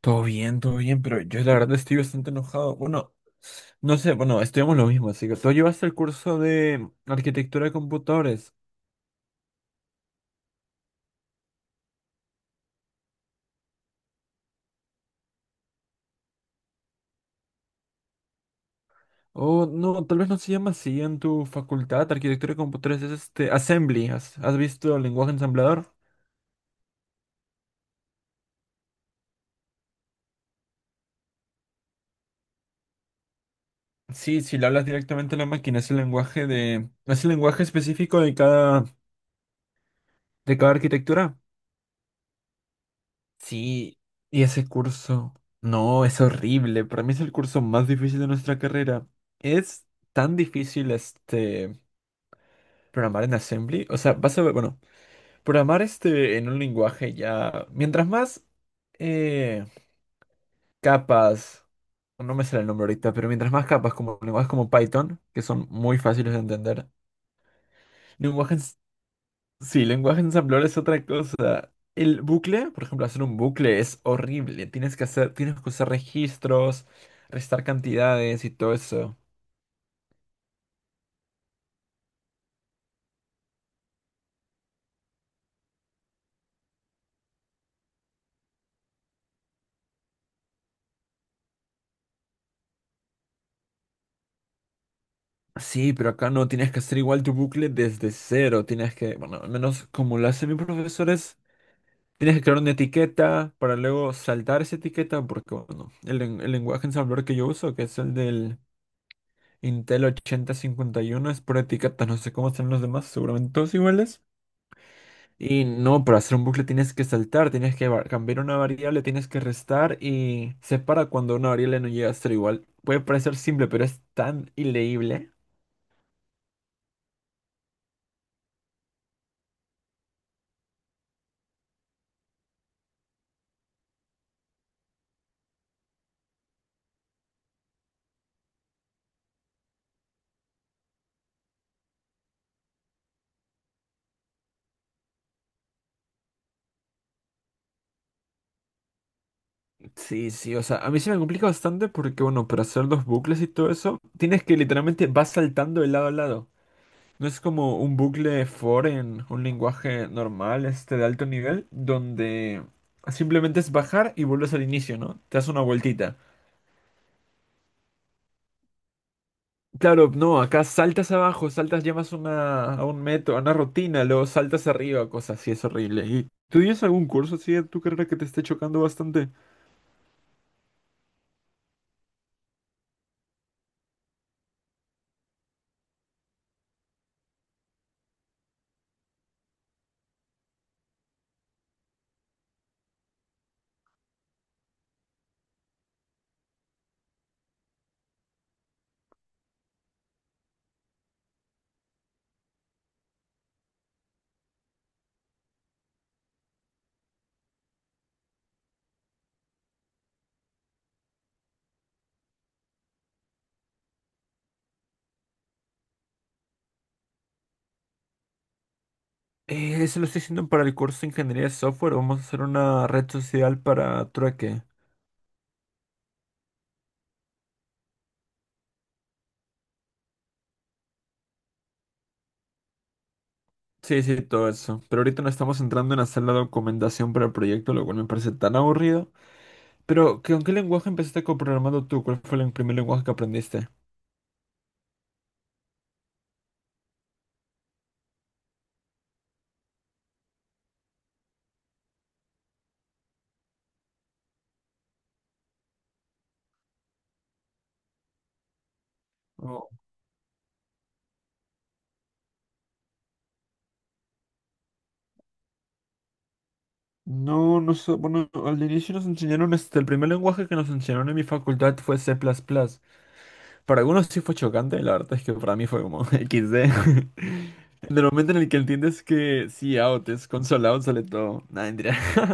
Todo bien, pero yo la verdad estoy bastante enojado. Bueno, no sé, bueno, estudiamos lo mismo, así que tú llevaste el curso de arquitectura de computadores. O no, tal vez no se llama así en tu facultad, arquitectura de computadores, es este, assembly. ¿Has visto el lenguaje ensamblador? Sí, si le hablas directamente a la máquina, es el lenguaje específico de cada arquitectura. Sí, y ese curso, no, es horrible. Para mí es el curso más difícil de nuestra carrera. Es tan difícil este programar en Assembly. O sea, vas a ver, bueno, programar este en un lenguaje ya. Mientras más eh, capas, no me sale el nombre ahorita, pero mientras más capas como lenguajes como Python, que son muy fáciles de entender, lenguajes Sí, lenguaje ensamblador es otra cosa. El bucle, por ejemplo, hacer un bucle es horrible. Tienes que usar registros, restar cantidades y todo eso. Sí, pero acá no tienes que hacer igual tu bucle desde cero. Tienes que, bueno, al menos como lo hacen mis profesores, tienes que crear una etiqueta para luego saltar esa etiqueta, porque bueno, el, len- el lenguaje ensamblador que yo uso, que es el del Intel 8051, es por etiquetas. No sé cómo están los demás, seguramente todos iguales. Y no, para hacer un bucle tienes que saltar, cambiar una variable, tienes que restar y separa cuando una variable no llega a ser igual. Puede parecer simple, pero es tan ileíble. Sí, sí, o sea, a mí se me complica bastante porque, bueno, para hacer los bucles y todo eso, tienes que literalmente vas saltando de lado a lado. No es como un bucle for en un lenguaje normal, este de alto nivel, donde simplemente es bajar y vuelves al inicio, ¿no? Te das una vueltita. Claro, no, acá saltas abajo, saltas, llamas una, a un metro, a una rutina, luego saltas arriba, cosas así, es horrible. ¿Y tú tienes algún curso así de tu carrera que te esté chocando bastante? Eso lo estoy haciendo para el curso de ingeniería de software, vamos a hacer una red social para trueque. Sí, sí, todo eso. Pero ahorita no estamos entrando en hacer la documentación para el proyecto, lo cual me parece tan aburrido. Pero, ¿con qué lenguaje empezaste coprogramando tú? ¿Cuál fue el primer lenguaje que aprendiste? No, no sé, bueno, al inicio nos enseñaron, este, el primer lenguaje que nos enseñaron en mi facultad fue C++. Para algunos sí fue chocante, la verdad es que para mí fue como XD. En el momento en el que entiendes que sí, out es console out, sale todo. Nada, mentira.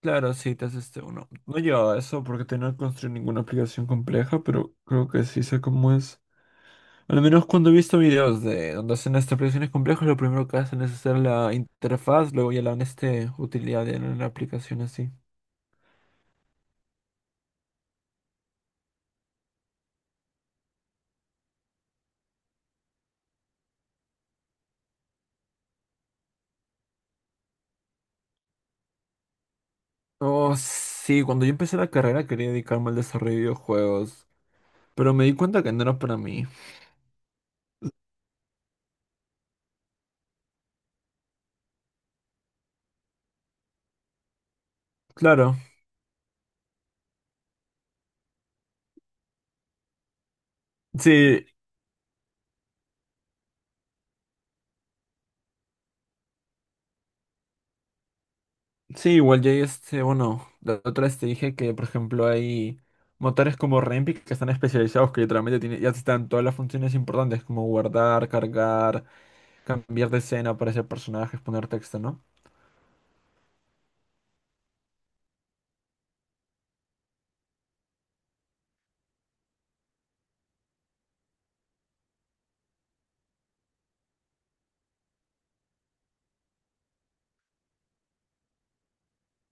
Claro, sí, te haces este uno. No llevaba eso porque tenía que construir ninguna aplicación compleja, pero creo que sí sé cómo es. Al menos cuando he visto videos de donde hacen estas aplicaciones complejas, lo primero que hacen es hacer la interfaz, luego ya la dan este utilidad en la aplicación así. Oh, sí, cuando yo empecé la carrera quería dedicarme al desarrollo de videojuegos, pero me di cuenta que no era para mí. Claro, sí, sí, igual ya hay este, bueno, la otra vez te dije que, por ejemplo, hay motores como Rempic que están especializados, que literalmente tiene, ya están todas las funciones importantes, como guardar, cargar, cambiar de escena, aparecer personajes, poner texto, ¿no?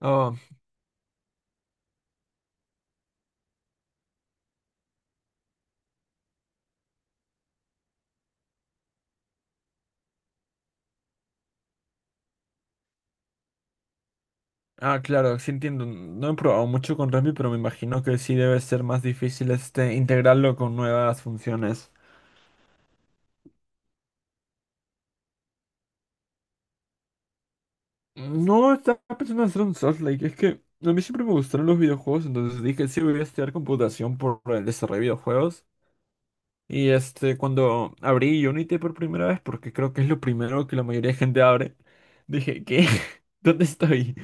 Oh, ah, claro, sí entiendo. No he probado mucho con Rempic, pero me imagino que sí debe ser más difícil este integrarlo con nuevas funciones. No estaba pensando en hacer un Souls-like. Es que a mí siempre me gustaron los videojuegos, entonces dije, sí, voy a estudiar computación por el desarrollo de videojuegos. Y este, cuando abrí Unity por primera vez, porque creo que es lo primero que la mayoría de gente abre, dije, ¿qué? ¿Dónde estoy?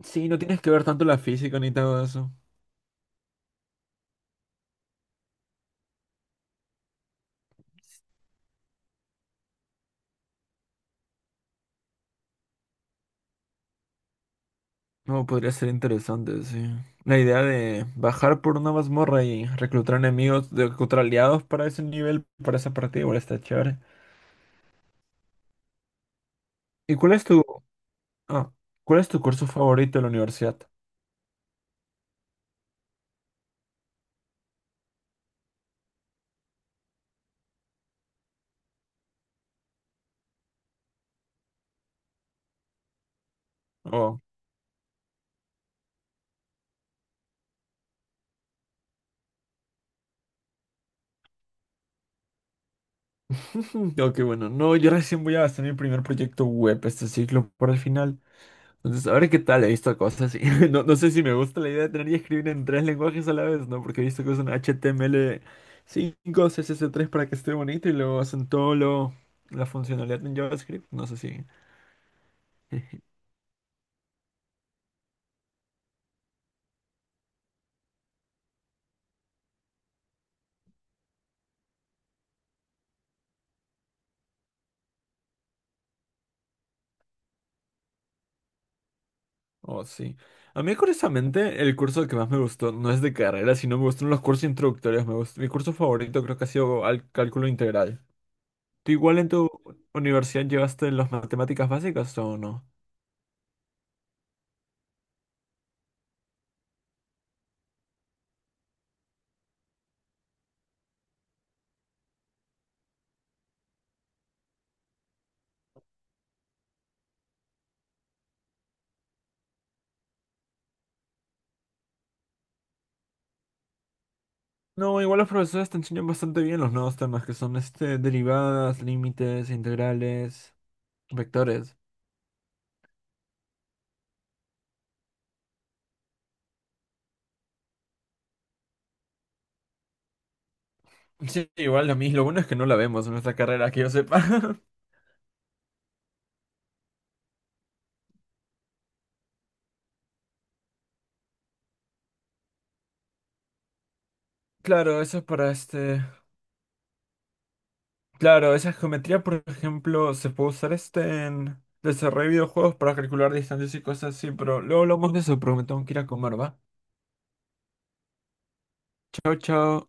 Sí, no tienes que ver tanto la física ni todo eso. No, podría ser interesante, sí. La idea de bajar por una mazmorra y reclutar enemigos, contra aliados para ese nivel, para esa partida, igual está chévere. ¿Y cuál es tu Ah, ¿cuál es tu curso favorito de la universidad? Oh, ok, bueno, no, yo recién voy a hacer mi primer proyecto web este ciclo por el final. Entonces, a ver qué tal, he visto cosas y no, no sé si me gusta la idea de tener que escribir en tres lenguajes a la vez, ¿no? Porque he visto que usan HTML5, CSS3 para que esté bonito y luego hacen la funcionalidad en JavaScript. No sé si... Oh, sí. A mí, curiosamente, el curso que más me gustó no es de carrera, sino me gustaron los cursos introductorios. Mi curso favorito creo que ha sido cálculo integral. ¿Tú igual en tu universidad llevaste las matemáticas básicas o no? No, igual los profesores te enseñan bastante bien los nuevos temas que son este, derivadas, límites, integrales, vectores. Sí, igual a mí lo bueno es que no la vemos en nuestra carrera, que yo sepa. Claro, eso es para este... Claro, esa geometría, por ejemplo, se puede usar este en desarrollo de videojuegos para calcular distancias y cosas así, pero luego hablamos de eso, porque me tengo que ir a comer, ¿va? Chao, chao.